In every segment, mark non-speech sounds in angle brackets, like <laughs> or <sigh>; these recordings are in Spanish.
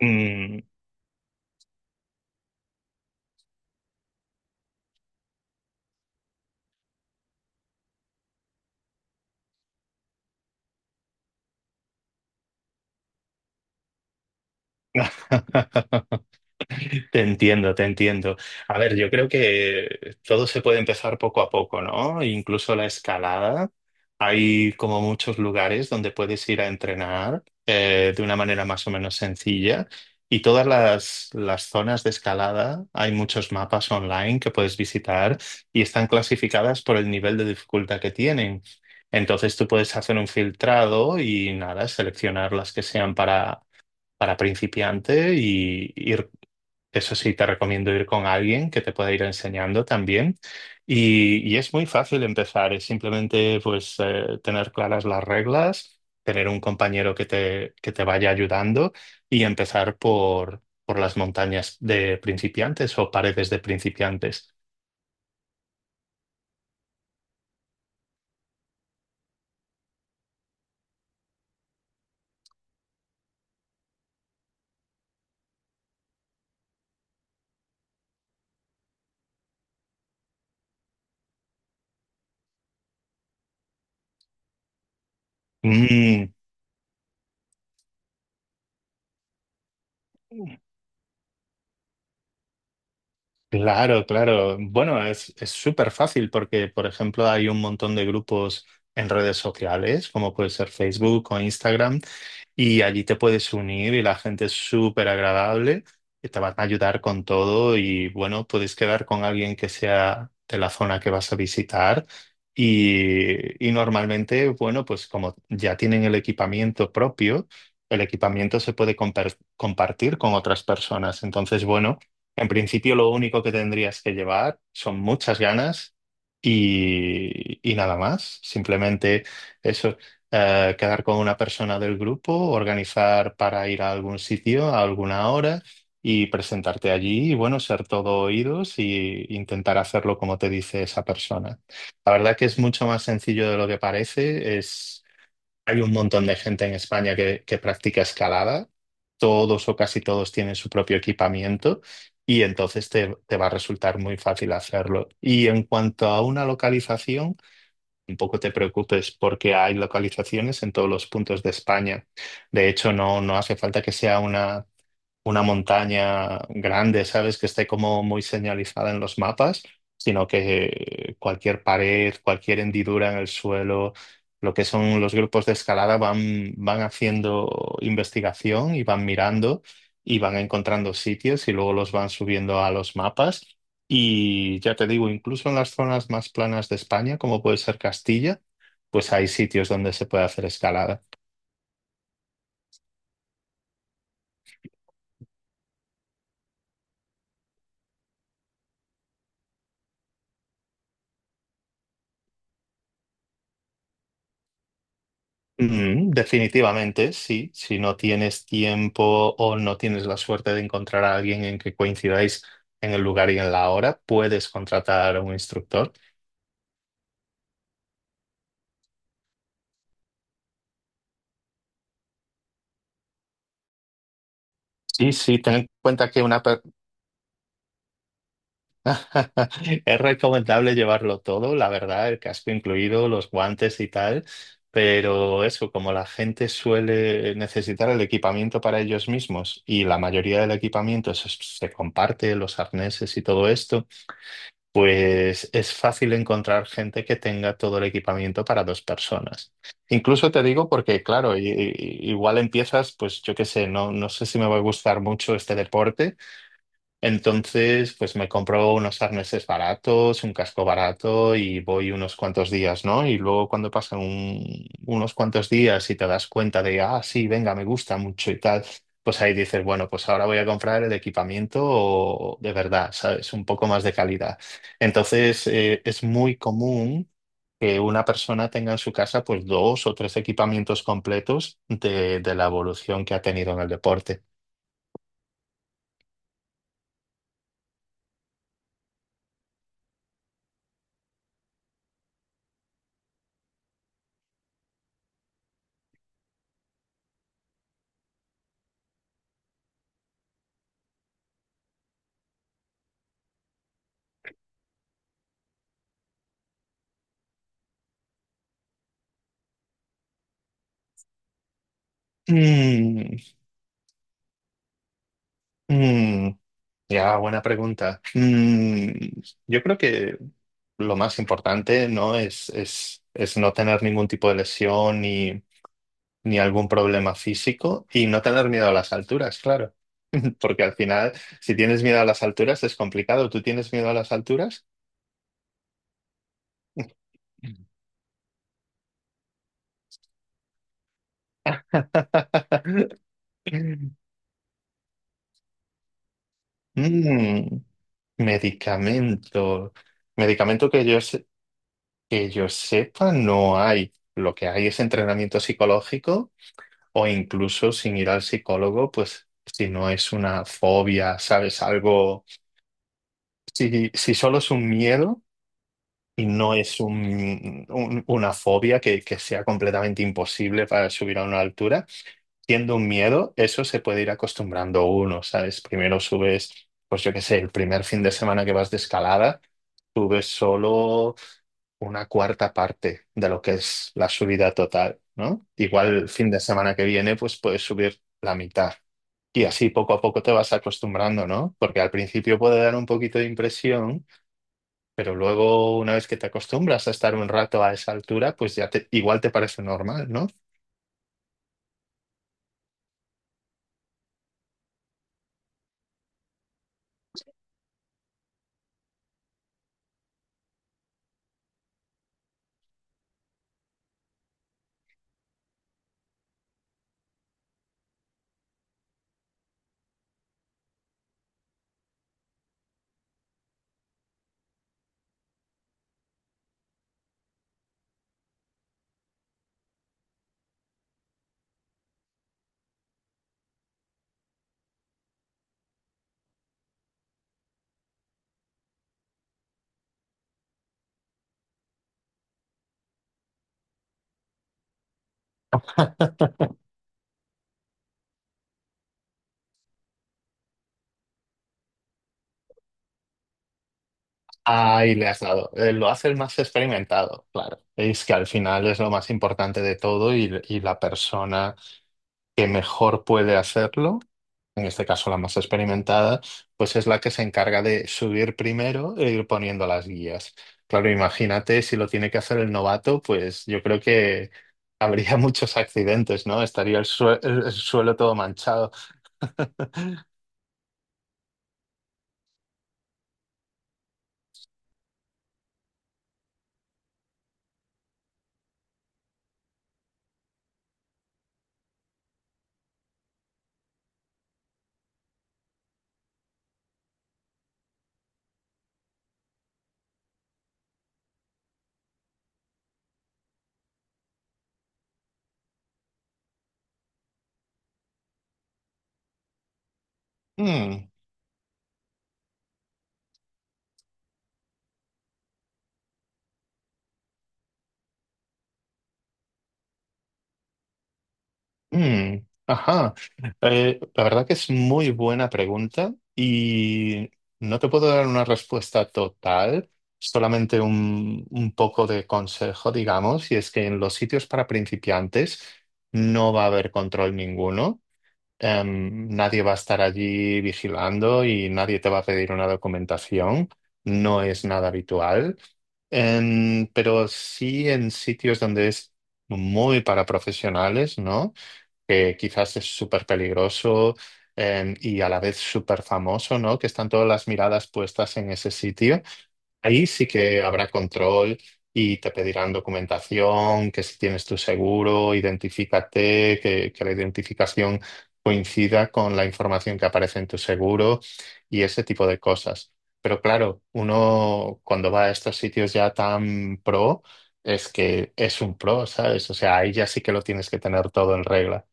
Mm. <laughs> Te entiendo, te entiendo. A ver, yo creo que todo se puede empezar poco a poco, ¿no? Incluso la escalada. Hay como muchos lugares donde puedes ir a entrenar de una manera más o menos sencilla. Y todas las zonas de escalada, hay muchos mapas online que puedes visitar y están clasificadas por el nivel de dificultad que tienen. Entonces tú puedes hacer un filtrado y nada, seleccionar las que sean para principiante y ir, eso sí, te recomiendo ir con alguien que te pueda ir enseñando también. Y es muy fácil empezar, es simplemente pues tener claras las reglas, tener un compañero que te vaya ayudando y empezar por las montañas de principiantes o paredes de principiantes. Mm. Claro, claro. Bueno, es súper fácil porque, por ejemplo, hay un montón de grupos en redes sociales, como puede ser Facebook o Instagram, y allí te puedes unir y la gente es súper agradable, y te van a ayudar con todo y bueno, puedes quedar con alguien que sea de la zona que vas a visitar y normalmente, bueno, pues como ya tienen el equipamiento propio, el equipamiento se puede compartir con otras personas. Entonces, bueno, en principio lo único que tendrías que llevar son muchas ganas y nada más. Simplemente. Eso, quedar con una persona del grupo, organizar para ir a algún sitio a alguna hora y presentarte allí y bueno, ser todo oídos y intentar hacerlo como te dice esa persona. La verdad que es mucho más sencillo de lo que parece. Es, hay un montón de gente en España que practica escalada. Todos o casi todos tienen su propio equipamiento y entonces te va a resultar muy fácil hacerlo. Y en cuanto a una localización, tampoco te preocupes porque hay localizaciones en todos los puntos de España. De hecho, no, no hace falta que sea una montaña grande, ¿sabes? Que esté como muy señalizada en los mapas, sino que cualquier pared, cualquier hendidura en el suelo, lo que son los grupos de escalada van haciendo investigación y van mirando y van encontrando sitios y luego los van subiendo a los mapas. Y ya te digo, incluso en las zonas más planas de España, como puede ser Castilla, pues hay sitios donde se puede hacer escalada. Mm, definitivamente, sí. Si no tienes tiempo o no tienes la suerte de encontrar a alguien en que coincidáis en el lugar y en la hora, puedes contratar a un instructor. Sí, sí, ten en cuenta que <laughs> es recomendable llevarlo todo, la verdad, el casco incluido, los guantes y tal, pero eso, como la gente suele necesitar el equipamiento para ellos mismos y la mayoría del equipamiento se comparte, los arneses y todo esto. Pues es fácil encontrar gente que tenga todo el equipamiento para dos personas. Incluso te digo porque, claro, igual empiezas, pues yo qué sé, no sé si me va a gustar mucho este deporte. Entonces, pues me compro unos arneses baratos, un casco barato y voy unos cuantos días, ¿no? Y luego cuando pasan unos cuantos días y te das cuenta de, ah, sí, venga, me gusta mucho y tal, pues ahí dices, bueno, pues ahora voy a comprar el equipamiento de verdad, ¿sabes? Un poco más de calidad. Entonces, es muy común que una persona tenga en su casa pues dos o tres equipamientos completos de la evolución que ha tenido en el deporte. Mm, mm. Ya, buena pregunta. Yo creo que lo más importante, ¿no? Es no tener ningún tipo de lesión ni algún problema físico y no tener miedo a las alturas, claro. <laughs> Porque al final, si tienes miedo a las alturas, es complicado. ¿Tú tienes miedo a las alturas? <laughs> Mm, medicamento. Medicamento que yo sepa, no hay. Lo que hay es entrenamiento psicológico. O incluso sin ir al psicólogo, pues si no es una fobia, ¿sabes? Algo, si solo es un miedo y no es un, una fobia que sea completamente imposible para subir a una altura, siendo un miedo, eso se puede ir acostumbrando uno, ¿sabes? Primero subes, pues yo qué sé, el primer fin de semana que vas de escalada, subes solo una cuarta parte de lo que es la subida total, ¿no? Igual el fin de semana que viene, pues puedes subir la mitad. Y así poco a poco te vas acostumbrando, ¿no? Porque al principio puede dar un poquito de impresión, pero luego una vez que te acostumbras a estar un rato a esa altura, pues ya te, igual te parece normal, ¿no? <laughs> Ahí le has dado. Lo haces más experimentado, claro. Es que al final es lo más importante de todo y la persona que mejor puede hacerlo en este caso la más experimentada, pues es la que se encarga de subir primero e ir poniendo las guías. Claro, imagínate si lo tiene que hacer el novato, pues yo creo que habría <laughs> muchos accidentes, ¿no? Estaría el suelo todo manchado. Mm, mm, ajá. La verdad que es muy buena pregunta y no te puedo dar una respuesta total, solamente un poco de consejo, digamos, y es que en los sitios para principiantes no va a haber control ninguno. Nadie va a estar allí vigilando y nadie te va a pedir una documentación. No es nada habitual. Pero sí en sitios donde es muy para profesionales, ¿no? Que quizás es súper peligroso y a la vez súper famoso, ¿no? Que están todas las miradas puestas en ese sitio. Ahí sí que habrá control y te pedirán documentación, que si tienes tu seguro, identifícate, que la identificación coincida con la información que aparece en tu seguro y ese tipo de cosas. Pero claro, uno cuando va a estos sitios ya tan pro, es que es un pro, ¿sabes? O sea, ahí ya sí que lo tienes que tener todo en regla.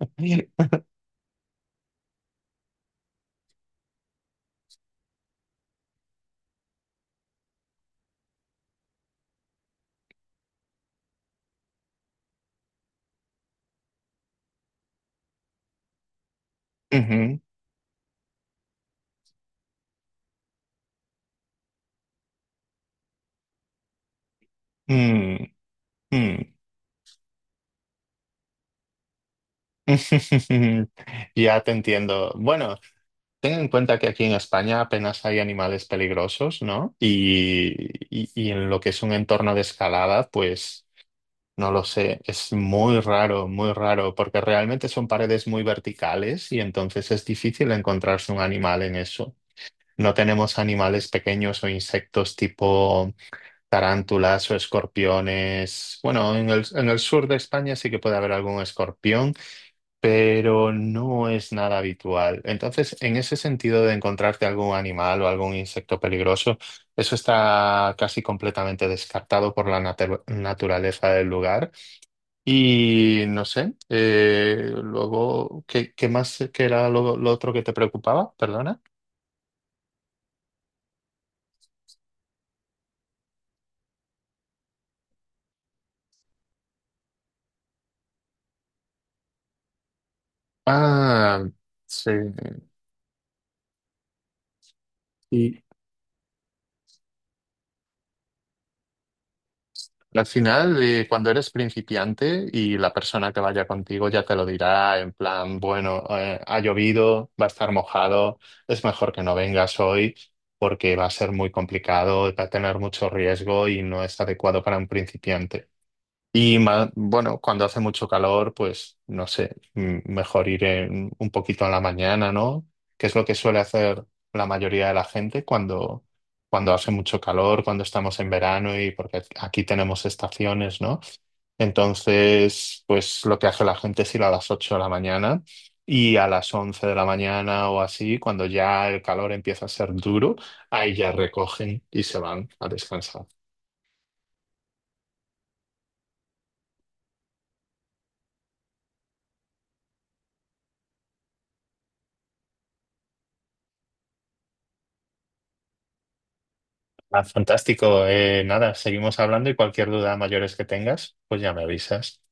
<laughs> Ay. Ujú, mm, mm. <laughs> Ya te entiendo. Bueno, ten en cuenta que aquí en España apenas hay animales peligrosos, ¿no? Y en lo que es un entorno de escalada, pues no lo sé, es muy raro, porque realmente son paredes muy verticales y entonces es difícil encontrarse un animal en eso. No tenemos animales pequeños o insectos tipo... Tarántulas o escorpiones. Bueno, en el sur de España sí que puede haber algún escorpión, pero no es nada habitual. Entonces, en ese sentido de encontrarte algún animal o algún insecto peligroso, eso está casi completamente descartado por la naturaleza del lugar. Y no sé, luego, qué más, qué era lo otro que te preocupaba? Perdona. Ah, sí. Al final, cuando eres principiante y la persona que vaya contigo ya te lo dirá en plan, bueno, ha llovido, va a estar mojado, es mejor que no vengas hoy porque va a ser muy complicado, va a tener mucho riesgo y no es adecuado para un principiante. Y bueno, cuando hace mucho calor, pues no sé, mejor ir un poquito a la mañana, ¿no? Que es lo que suele hacer la mayoría de la gente cuando hace mucho calor, cuando estamos en verano y porque aquí tenemos estaciones, ¿no? Entonces, pues lo que hace la gente es ir a las 8 de la mañana y a las 11 de la mañana o así, cuando ya el calor empieza a ser duro, ahí ya recogen y se van a descansar. Ah, fantástico. Nada, seguimos hablando y cualquier duda mayores que tengas, pues ya me avisas.